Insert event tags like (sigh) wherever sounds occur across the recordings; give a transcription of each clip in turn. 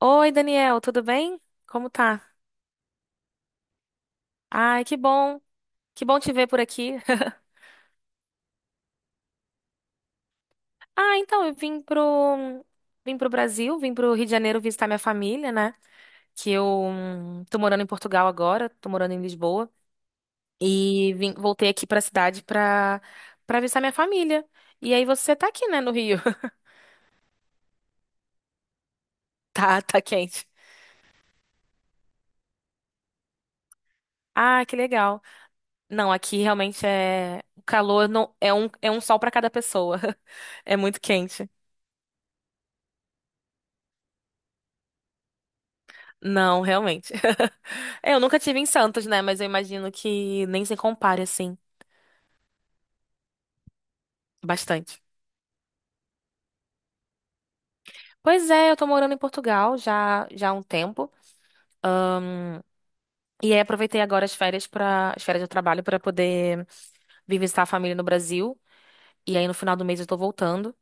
Oi, Daniel, tudo bem? Como tá? Ai, que bom. Que bom te ver por aqui. (laughs) Ah, então, vim pro Brasil, vim pro Rio de Janeiro visitar minha família, né? Que eu tô morando em Portugal agora, tô morando em Lisboa. E voltei aqui pra cidade pra visitar minha família. E aí você tá aqui, né, no Rio. (laughs) Tá, tá quente. Ah, que legal. Não, aqui realmente é O calor não, é um sol pra cada pessoa. (laughs) É muito quente. Não, realmente. (laughs) É, eu nunca tive em Santos, né? Mas eu imagino que nem se compare, assim, bastante. Pois é, eu tô morando em Portugal já, já há um tempo. E aí aproveitei agora as férias para as férias de trabalho para poder vir visitar a família no Brasil. E aí no final do mês eu tô voltando.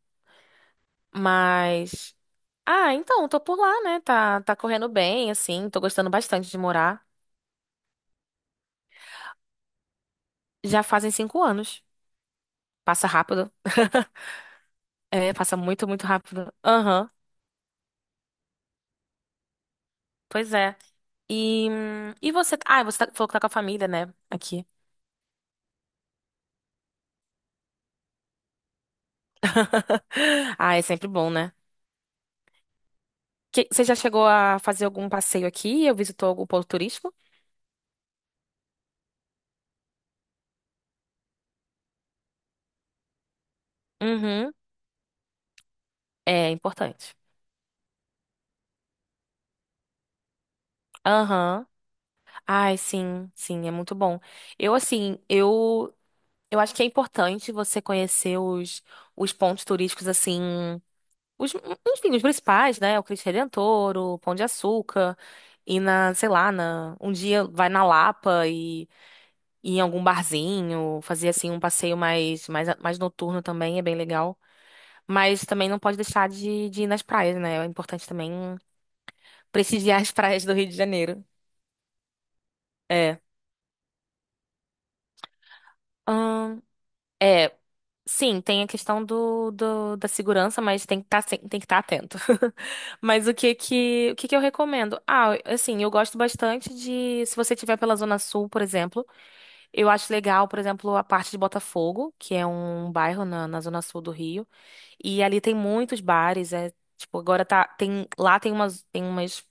Mas. Ah, então, tô por lá, né? Tá, tá correndo bem, assim. Tô gostando bastante de morar. Já fazem 5 anos. Passa rápido. (laughs) É, passa muito, muito rápido. Aham. Pois é. E você. Ah, você falou que tá com a família, né? Aqui. (laughs) Ah, é sempre bom, né? Você já chegou a fazer algum passeio aqui? Ou visitou algum ponto turístico? Uhum. É importante. Aham. Ai, sim, sim, é muito bom. Eu eu acho que é importante você conhecer os pontos turísticos, assim, os, enfim, os principais, né? O Cristo Redentor, o Pão de Açúcar, e na, sei lá, na, um dia vai na Lapa, ir em algum barzinho, fazer assim um passeio mais noturno, também é bem legal. Mas também não pode deixar de ir nas praias, né? É importante também prestigiar as (laughs) praias do Rio de Janeiro. É. Ahn, é, sim, tem a questão da segurança, mas tem que estar atento. (laughs) Mas o que que eu recomendo? Ah, assim, eu gosto bastante de, se você estiver pela Zona Sul, por exemplo, eu acho legal, por exemplo, a parte de Botafogo, que é um bairro na Zona Sul do Rio. E ali tem muitos bares, é, tipo, agora lá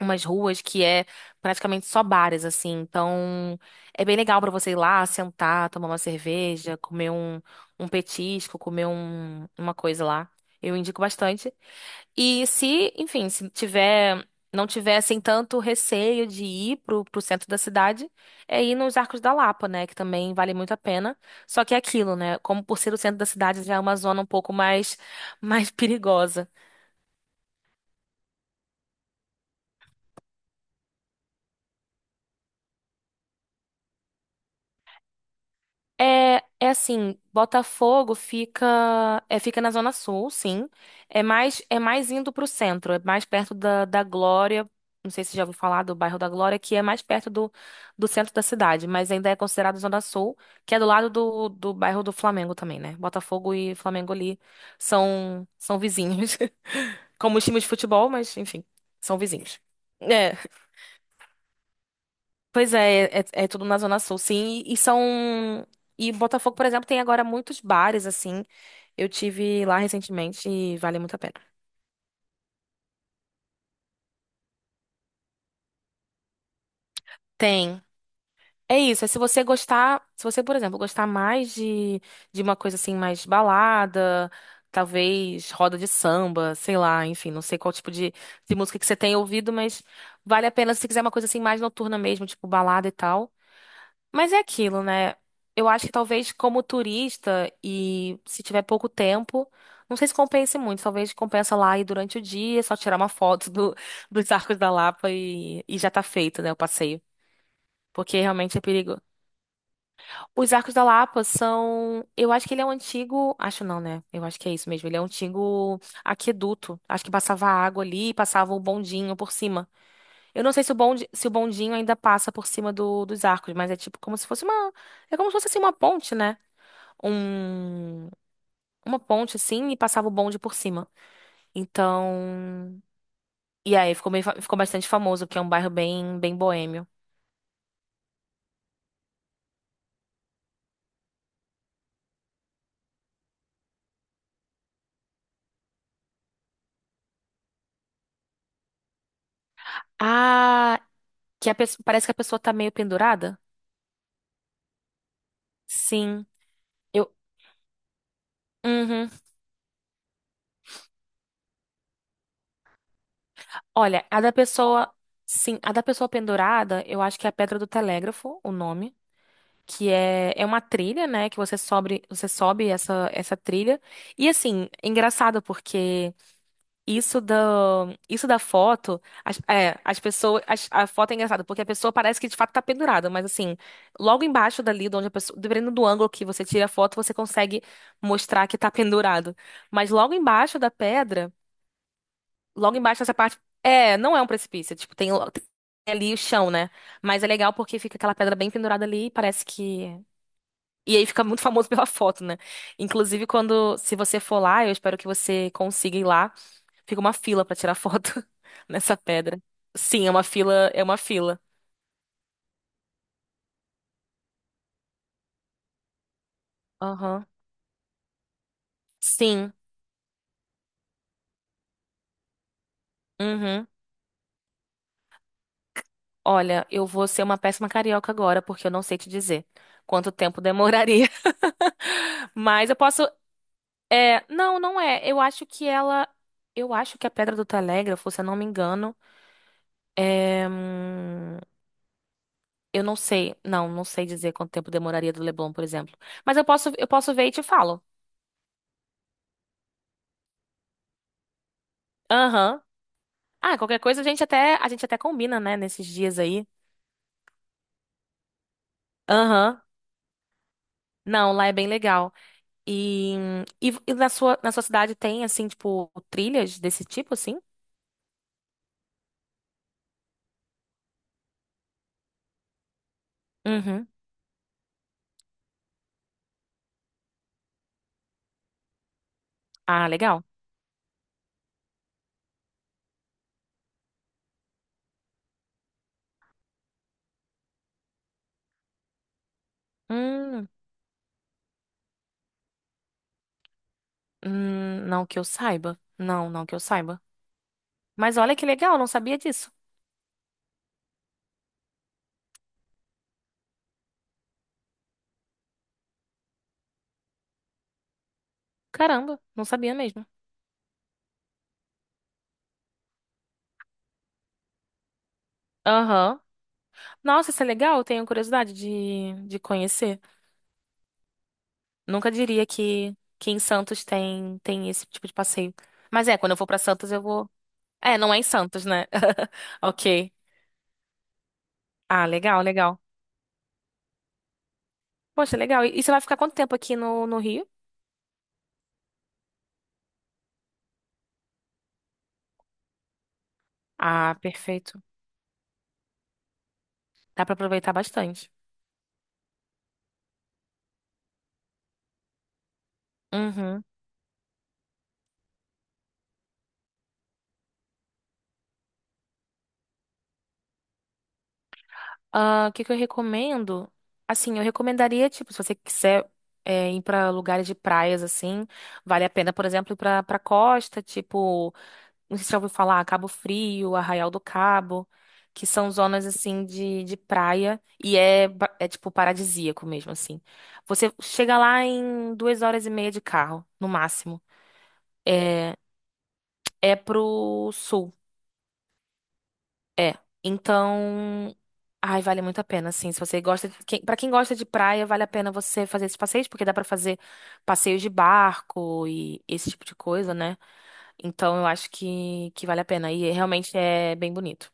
umas ruas que é praticamente só bares, assim. Então, é bem legal pra você ir lá, sentar, tomar uma cerveja, comer um petisco, comer uma coisa lá. Eu indico bastante. E se não tiver assim tanto receio de ir pro centro da cidade, é ir nos Arcos da Lapa, né? Que também vale muito a pena. Só que é aquilo, né? Como por ser o centro da cidade, já é uma zona um pouco (laughs) mais perigosa. É, é assim, Botafogo fica na Zona Sul, sim. É mais indo pro centro, é mais perto da Glória. Não sei se já ouviu falar do bairro da Glória, que é mais perto do centro da cidade, mas ainda é considerado Zona Sul, que é do lado do bairro do Flamengo também, né? Botafogo e Flamengo ali são vizinhos. (laughs) Como time de futebol, mas enfim, são vizinhos. Pois é, é tudo na Zona Sul, sim. E são. E Botafogo, por exemplo, tem agora muitos bares, assim. Eu tive lá recentemente e vale muito a pena. Tem. É isso. É, se você gostar. Se você, por exemplo, gostar mais de uma coisa assim, mais balada, talvez roda de samba, sei lá, enfim, não sei qual tipo de música que você tem ouvido, mas vale a pena se quiser uma coisa assim mais noturna mesmo, tipo balada e tal. Mas é aquilo, né? Eu acho que talvez como turista e se tiver pouco tempo, não sei se compense muito. Talvez compensa lá e durante o dia, só tirar uma foto dos Arcos da Lapa e já tá feito, né, o passeio. Porque realmente é perigo. Os Arcos da Lapa são. Eu acho que ele é um antigo. Acho não, né? Eu acho que é isso mesmo. Ele é um antigo aqueduto. Acho que passava água ali e passava um bondinho por cima. Eu não sei se o bonde, se o bondinho ainda passa por cima dos arcos, mas é tipo como se fosse uma. É como se fosse assim, uma ponte, né? Um, uma ponte assim, e passava o bonde por cima. Então. E aí ficou, ficou bastante famoso, porque é um bairro bem, bem boêmio. Ah, que a pessoa, parece que a pessoa tá meio pendurada? Sim. Eu. Uhum. Olha, a da pessoa. Sim, a da pessoa pendurada, eu acho que é a Pedra do Telégrafo, o nome. Que é, é uma trilha, né? Que você sobe essa trilha. E assim, é engraçado porque isso da, isso da foto, as pessoas, a foto é engraçada porque a pessoa parece que de fato tá pendurada, mas assim, logo embaixo dali, de onde a pessoa, dependendo do ângulo que você tira a foto, você consegue mostrar que tá pendurado. Mas logo embaixo da pedra, logo embaixo dessa parte, é, não é um precipício, tipo, tem ali o chão, né? Mas é legal porque fica aquela pedra bem pendurada ali e parece que e aí fica muito famoso (laughs) pela foto, né? Inclusive, quando, se você for lá, eu espero que você consiga ir lá. Fica uma fila pra tirar foto (laughs) nessa pedra. Sim, é uma fila, é uma fila. Aham. Sim. Uhum. Olha, eu vou ser uma péssima carioca agora, porque eu não sei te dizer quanto tempo demoraria. (laughs) Mas eu posso. É, não, não é. Eu acho que ela. Eu acho que a Pedra do Telégrafo, se eu não me engano, é. Eu não sei, não, não sei dizer quanto tempo demoraria do Leblon, por exemplo. Mas eu posso ver e te falo. Aham. Ah, qualquer coisa a gente até combina, né, nesses dias aí. Aham. Não, lá é bem legal. E, e na sua cidade tem, assim, tipo, trilhas desse tipo, assim? Uhum. Ah, legal. Hum, não que eu saiba. Não, não que eu saiba. Mas olha que legal, não sabia disso. Caramba, não sabia mesmo. Aham. Nossa, isso é legal, eu tenho curiosidade de conhecer. Nunca diria que em Santos tem, tem esse tipo de passeio. Mas é, quando eu for pra Santos, eu vou. É, não é em Santos, né? (laughs) Ok. Ah, legal, legal. Poxa, legal. E você vai ficar quanto tempo aqui no Rio? Ah, perfeito. Dá pra aproveitar bastante. Uhum. Ah, o que que eu recomendo? Assim, eu recomendaria, tipo, se você quiser é, ir pra lugares de praias, assim, vale a pena, por exemplo, ir pra costa, tipo. Não sei se já ouviu falar, Cabo Frio, Arraial do Cabo, que são zonas assim de praia e é, é tipo paradisíaco mesmo, assim. Você chega lá em 2 horas e meia de carro, no máximo. É, é pro sul. É. Então. Ai, vale muito a pena, assim. Se você gosta. De... Quem... Para quem gosta de praia, vale a pena você fazer esses passeios, porque dá pra fazer passeios de barco e esse tipo de coisa, né? Então eu acho que vale a pena. E realmente é bem bonito.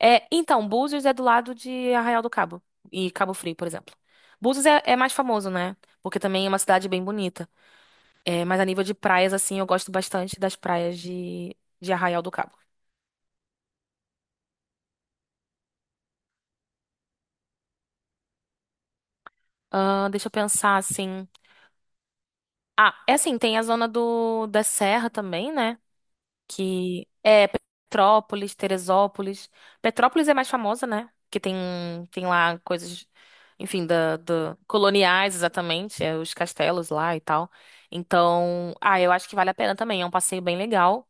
É, então, Búzios é do lado de Arraial do Cabo e Cabo Frio, por exemplo. Búzios é mais famoso, né? Porque também é uma cidade bem bonita. É, mas a nível de praias, assim, eu gosto bastante das praias de Arraial do Cabo. Deixa eu pensar, assim. Ah, é assim, tem a zona da Serra também, né? Que é Petrópolis, Teresópolis. Petrópolis é mais famosa, né? Que tem lá coisas, enfim, coloniais exatamente, é, os castelos lá e tal. Então, ah, eu acho que vale a pena também. É um passeio bem legal.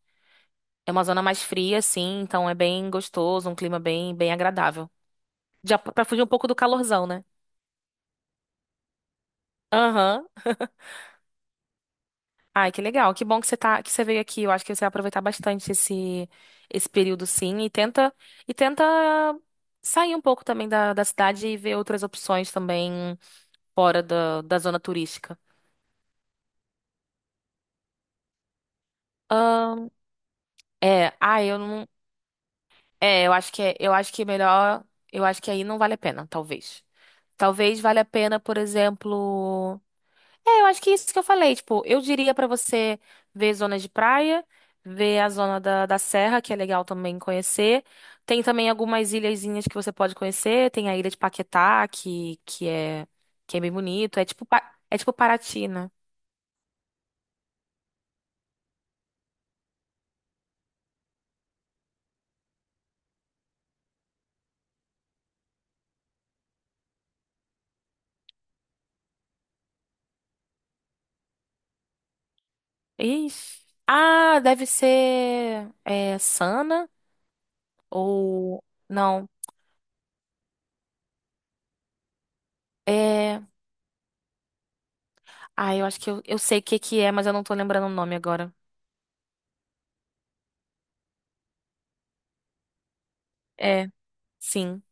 É uma zona mais fria, assim, então é bem gostoso, um clima bem agradável. Já para fugir um pouco do calorzão, né? Aham. Ai, que legal. Que bom que você tá, que você veio aqui. Eu acho que você vai aproveitar bastante esse período, sim, e tenta sair um pouco também da cidade e ver outras opções também fora da zona turística. Ahn, é, ah, eu não, é, eu acho que eu acho que é melhor, eu acho que aí não vale a pena, talvez. Talvez valha a pena, por exemplo, é, eu acho que é isso que eu falei. Tipo, eu diria pra você ver zonas de praia, ver a zona da serra, que é legal também conhecer. Tem também algumas ilhazinhas que você pode conhecer. Tem a ilha de Paquetá, que é bem bonito. É tipo, é tipo Paraty, né? Ixi. Ah, deve ser é, Sana ou... Não, é... Ah, eu acho que eu sei o que que é, mas eu não tô lembrando o nome agora. É, sim.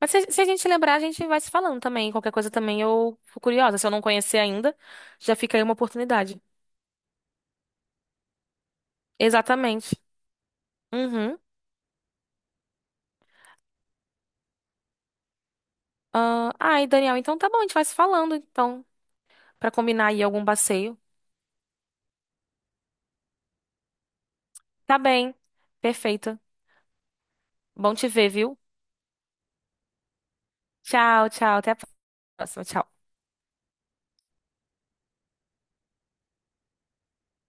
Mas se a gente lembrar, a gente vai se falando também. Qualquer coisa também eu fico curiosa. Se eu não conhecer ainda, já fica aí uma oportunidade. Exatamente. Uhum. Ah, ai, Daniel, então tá bom, a gente vai se falando, então, pra combinar aí algum passeio. Tá bem. Perfeito. Bom te ver, viu? Tchau, tchau. Até a próxima. Tchau.